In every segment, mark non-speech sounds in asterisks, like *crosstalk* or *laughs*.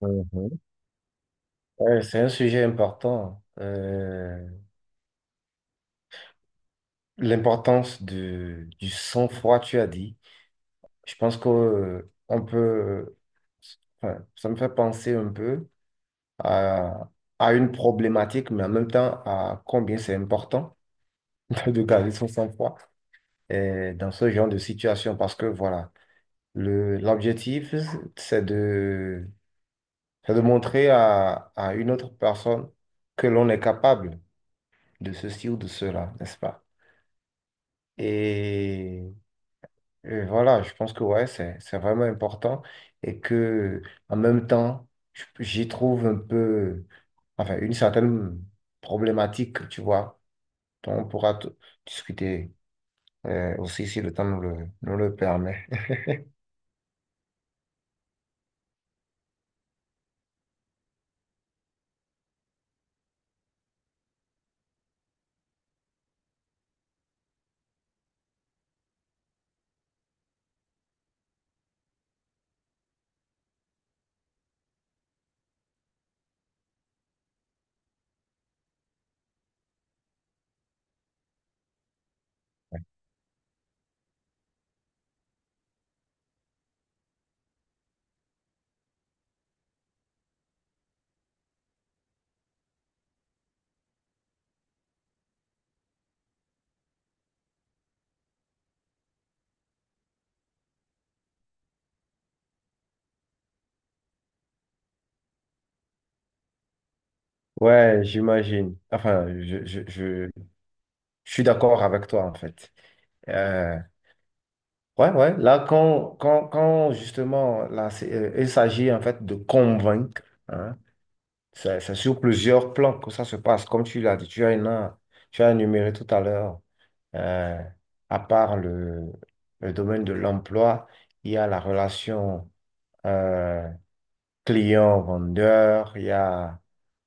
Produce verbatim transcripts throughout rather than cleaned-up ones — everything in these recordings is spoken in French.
Mhm. Ouais, c'est un sujet important. Euh, l'importance de, du sang-froid, tu as dit. Je pense que, euh, on peut, enfin, ça me fait penser un peu à, à une problématique, mais en même temps à combien c'est important *laughs* de garder son sang-froid euh, dans ce genre de situation. Parce que voilà, le, l'objectif, c'est de, c'est de montrer à, à une autre personne que l'on est capable de ceci ou de cela, n'est-ce pas? Et, et voilà, je pense que ouais, c'est, c'est vraiment important et que en même temps, je- j'y trouve un peu, enfin, une certaine problématique, tu vois, dont on pourra t- discuter euh, aussi si le temps nous le, nous le permet. Ouais, j'imagine. Enfin, je, je, je, je suis d'accord avec toi, en fait. Euh, ouais, ouais, là, quand, quand, quand justement, là, c'est- euh, il s'agit en fait de convaincre, hein. C'est c'est sur plusieurs plans que ça se passe. Comme tu l'as dit, tu as, une- tu as énuméré tout à l'heure, euh, à part le, le domaine de l'emploi, il y a la relation euh, client-vendeur, il y a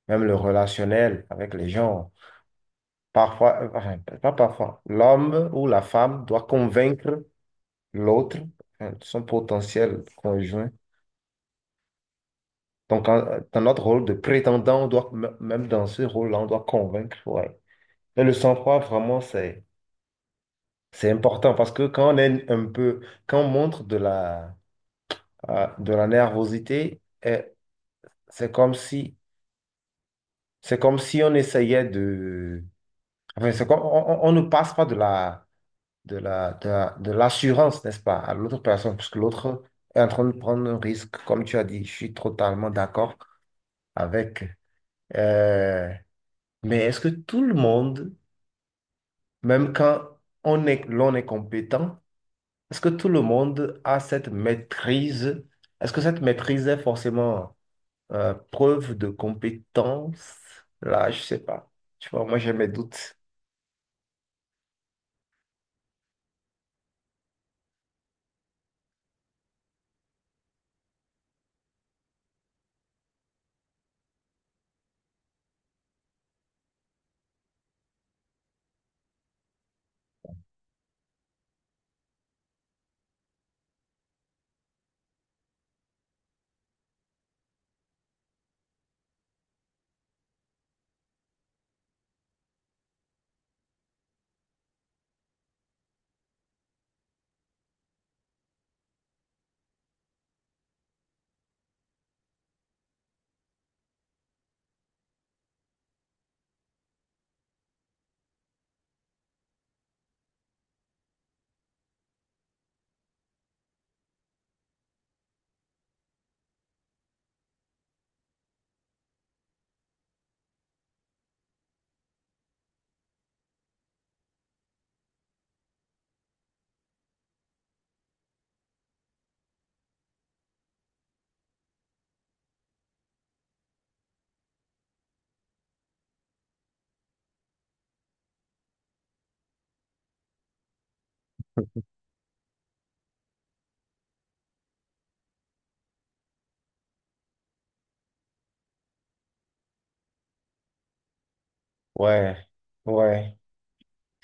même le relationnel avec les gens. Parfois, euh, enfin, pas parfois, l'homme ou la femme doit convaincre l'autre, euh, son potentiel conjoint. Donc, en- dans notre rôle de prétendant, on doit, m- même dans ce rôle-là, on doit convaincre. Ouais. Et le sang-froid, vraiment, c'est, c'est important parce que quand on est un peu, quand on montre de la, ah, de la nervosité, eh, c'est comme si, c'est comme si on essayait de, enfin, c'est comme, on, on- on ne passe pas de la, de la, de la- de l'assurance, n'est-ce pas, à l'autre personne, puisque l'autre est en train de prendre un risque. Comme tu as dit, je suis totalement d'accord avec. euh, mais est-ce que tout le monde, même quand on est, l'on est compétent, est-ce que tout le monde a cette maîtrise? Est-ce que cette maîtrise est forcément euh, preuve de compétence? Là, je sais pas. Tu vois, moi j'ai mes doutes. Ouais, ouais.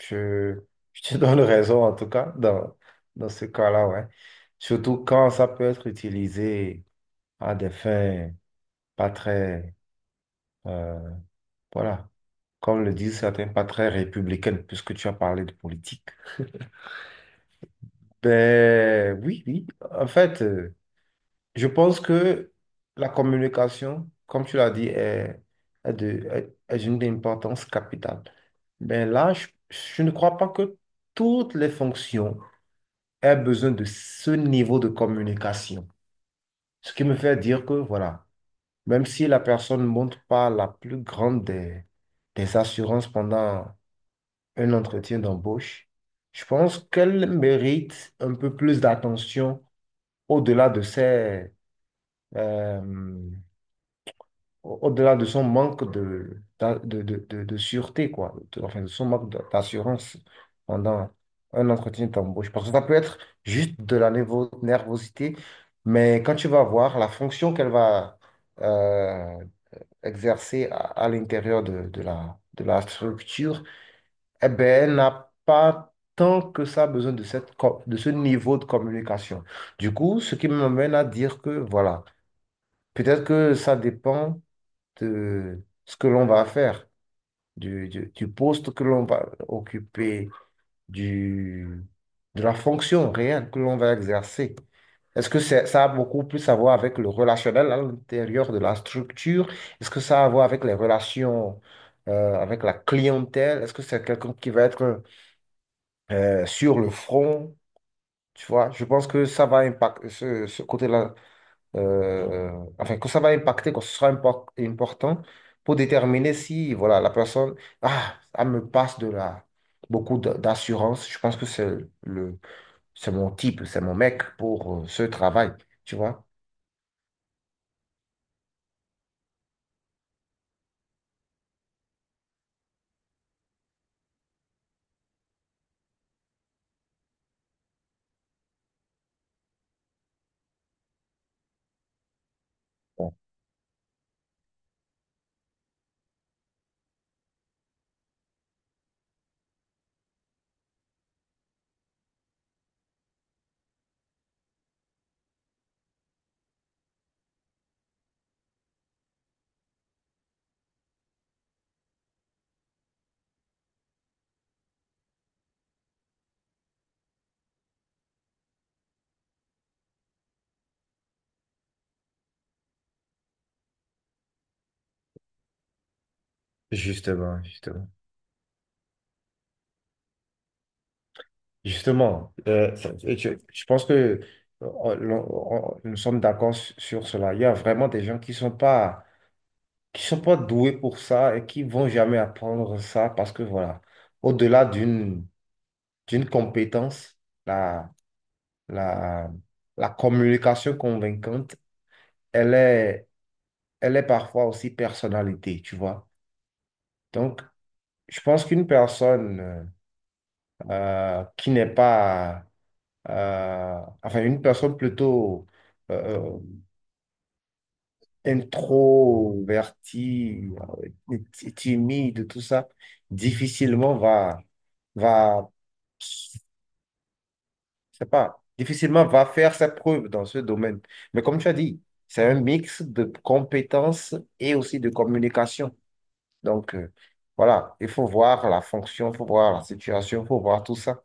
Je, je te *laughs* donne raison en tout cas dans, dans ce cas-là, ouais. Surtout quand ça peut être utilisé à des fins pas très, euh, voilà, comme le disent certains, pas très républicaines, puisque tu as parlé de politique. Ben oui, oui. En fait. euh, Je pense que la communication, comme tu l'as dit, est, est de, est, est une importance capitale. Mais là, je, je ne crois pas que toutes les fonctions aient besoin de ce niveau de communication. Ce qui me fait dire que, voilà, même si la personne ne montre pas la plus grande des, des assurances pendant un entretien d'embauche, je pense qu'elle mérite un peu plus d'attention au-delà de ses... euh, au- au-delà de son manque de, d'a- de, de, de, de sûreté, quoi, de- enfin de son manque d'a- d'assurance pendant un entretien d'embauche. Parce que ça peut être juste de la nervo- nervosité, mais quand tu vas voir la fonction qu'elle va euh, exercer à, à l'intérieur de, de la, de la structure, eh ben, elle n'a pas tant que ça besoin de cette, co- de ce niveau de communication. Du coup, ce qui me mène à dire que, voilà, peut-être que ça dépend de ce que l'on va faire, du, du- du poste que l'on va occuper, du, de la fonction réelle que l'on va exercer. Est-ce que c'est- ça a beaucoup plus à voir avec le relationnel à l'intérieur de la structure? Est-ce que ça a à voir avec les relations euh, avec la clientèle? Est-ce que c'est quelqu'un qui va être euh, sur le front? Tu vois, je pense que ça va impacter ce, ce côté-là, euh, enfin, que ça va impacter, que ce sera impor- important pour déterminer si, voilà, la personne, ah, ça me passe de la, beaucoup d- d'assurance. Je pense que c'est le, c'est mon type, c'est mon mec pour euh, ce travail, tu vois? Bon. Justement, justement. Justement, euh, ça- et tu- je pense que euh, on- on- on- nous sommes d'accord su- sur cela. Il y a vraiment des gens qui sont pas, qui sont pas doués pour ça et qui vont jamais apprendre ça parce que voilà, au-delà d'une d'une compétence, la, la, la communication convaincante, elle est, elle est parfois aussi personnalité, tu vois. Donc, je pense qu'une personne euh, qui n'est pas, euh, enfin, une personne plutôt euh, euh, introvertie, euh, ti- timide, tout ça, difficilement va, va c'est pas, difficilement va faire ses preuves dans ce domaine. Mais comme tu as dit, c'est un mix de compétences et aussi de communication. Donc, euh, voilà, il faut voir la fonction, il faut voir la situation, il faut voir tout ça.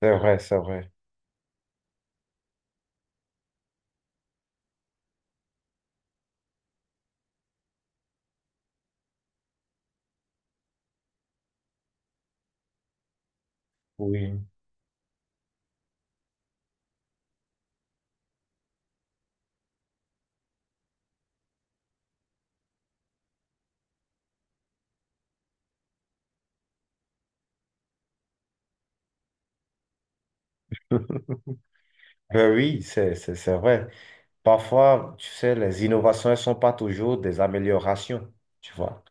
C'est vrai, c'est vrai. Oui. Ben oui, c'est, c'est, c'est vrai. Parfois, tu sais, les innovations, elles ne sont pas toujours des améliorations, tu vois.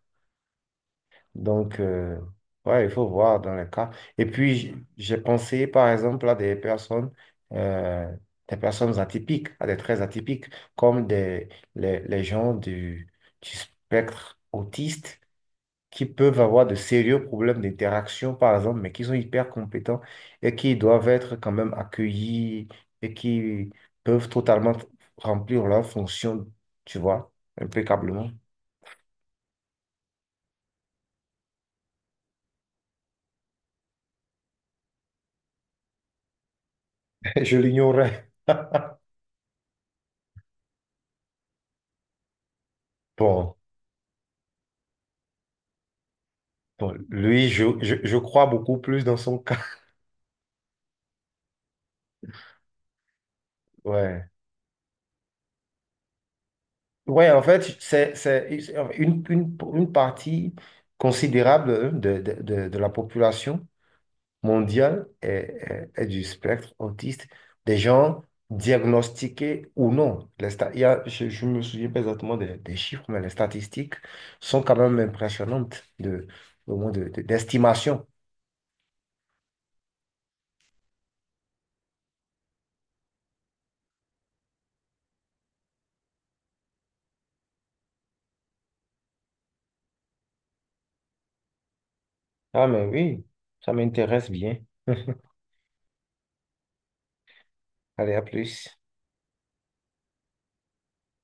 Donc, euh, ouais, il faut voir dans les cas. Et puis, j- j'ai pensé, par exemple, à des personnes, euh, des personnes atypiques, à des traits atypiques, comme des, les, les gens du, du spectre autiste qui peuvent avoir de sérieux problèmes d'interaction, par exemple, mais qui sont hyper compétents et qui doivent être quand même accueillis et qui peuvent totalement remplir leur fonction, tu vois, impeccablement. *laughs* Je l'ignorais. *laughs* Bon. Bon, lui, je, je, je crois beaucoup plus dans son cas. *laughs* Ouais. Ouais, en fait, c'est, c'est une, une, une partie considérable hein, de, de, de, de la population mondiale est, est- est du spectre autiste, des gens diagnostiqués ou non. Les sta- il y a- je je me souviens pas exactement des, des chiffres, mais les statistiques sont quand même impressionnantes de, au moins de, de- d'estimation. Ah, mais oui, ça m'intéresse bien. *laughs* Allez, à plus.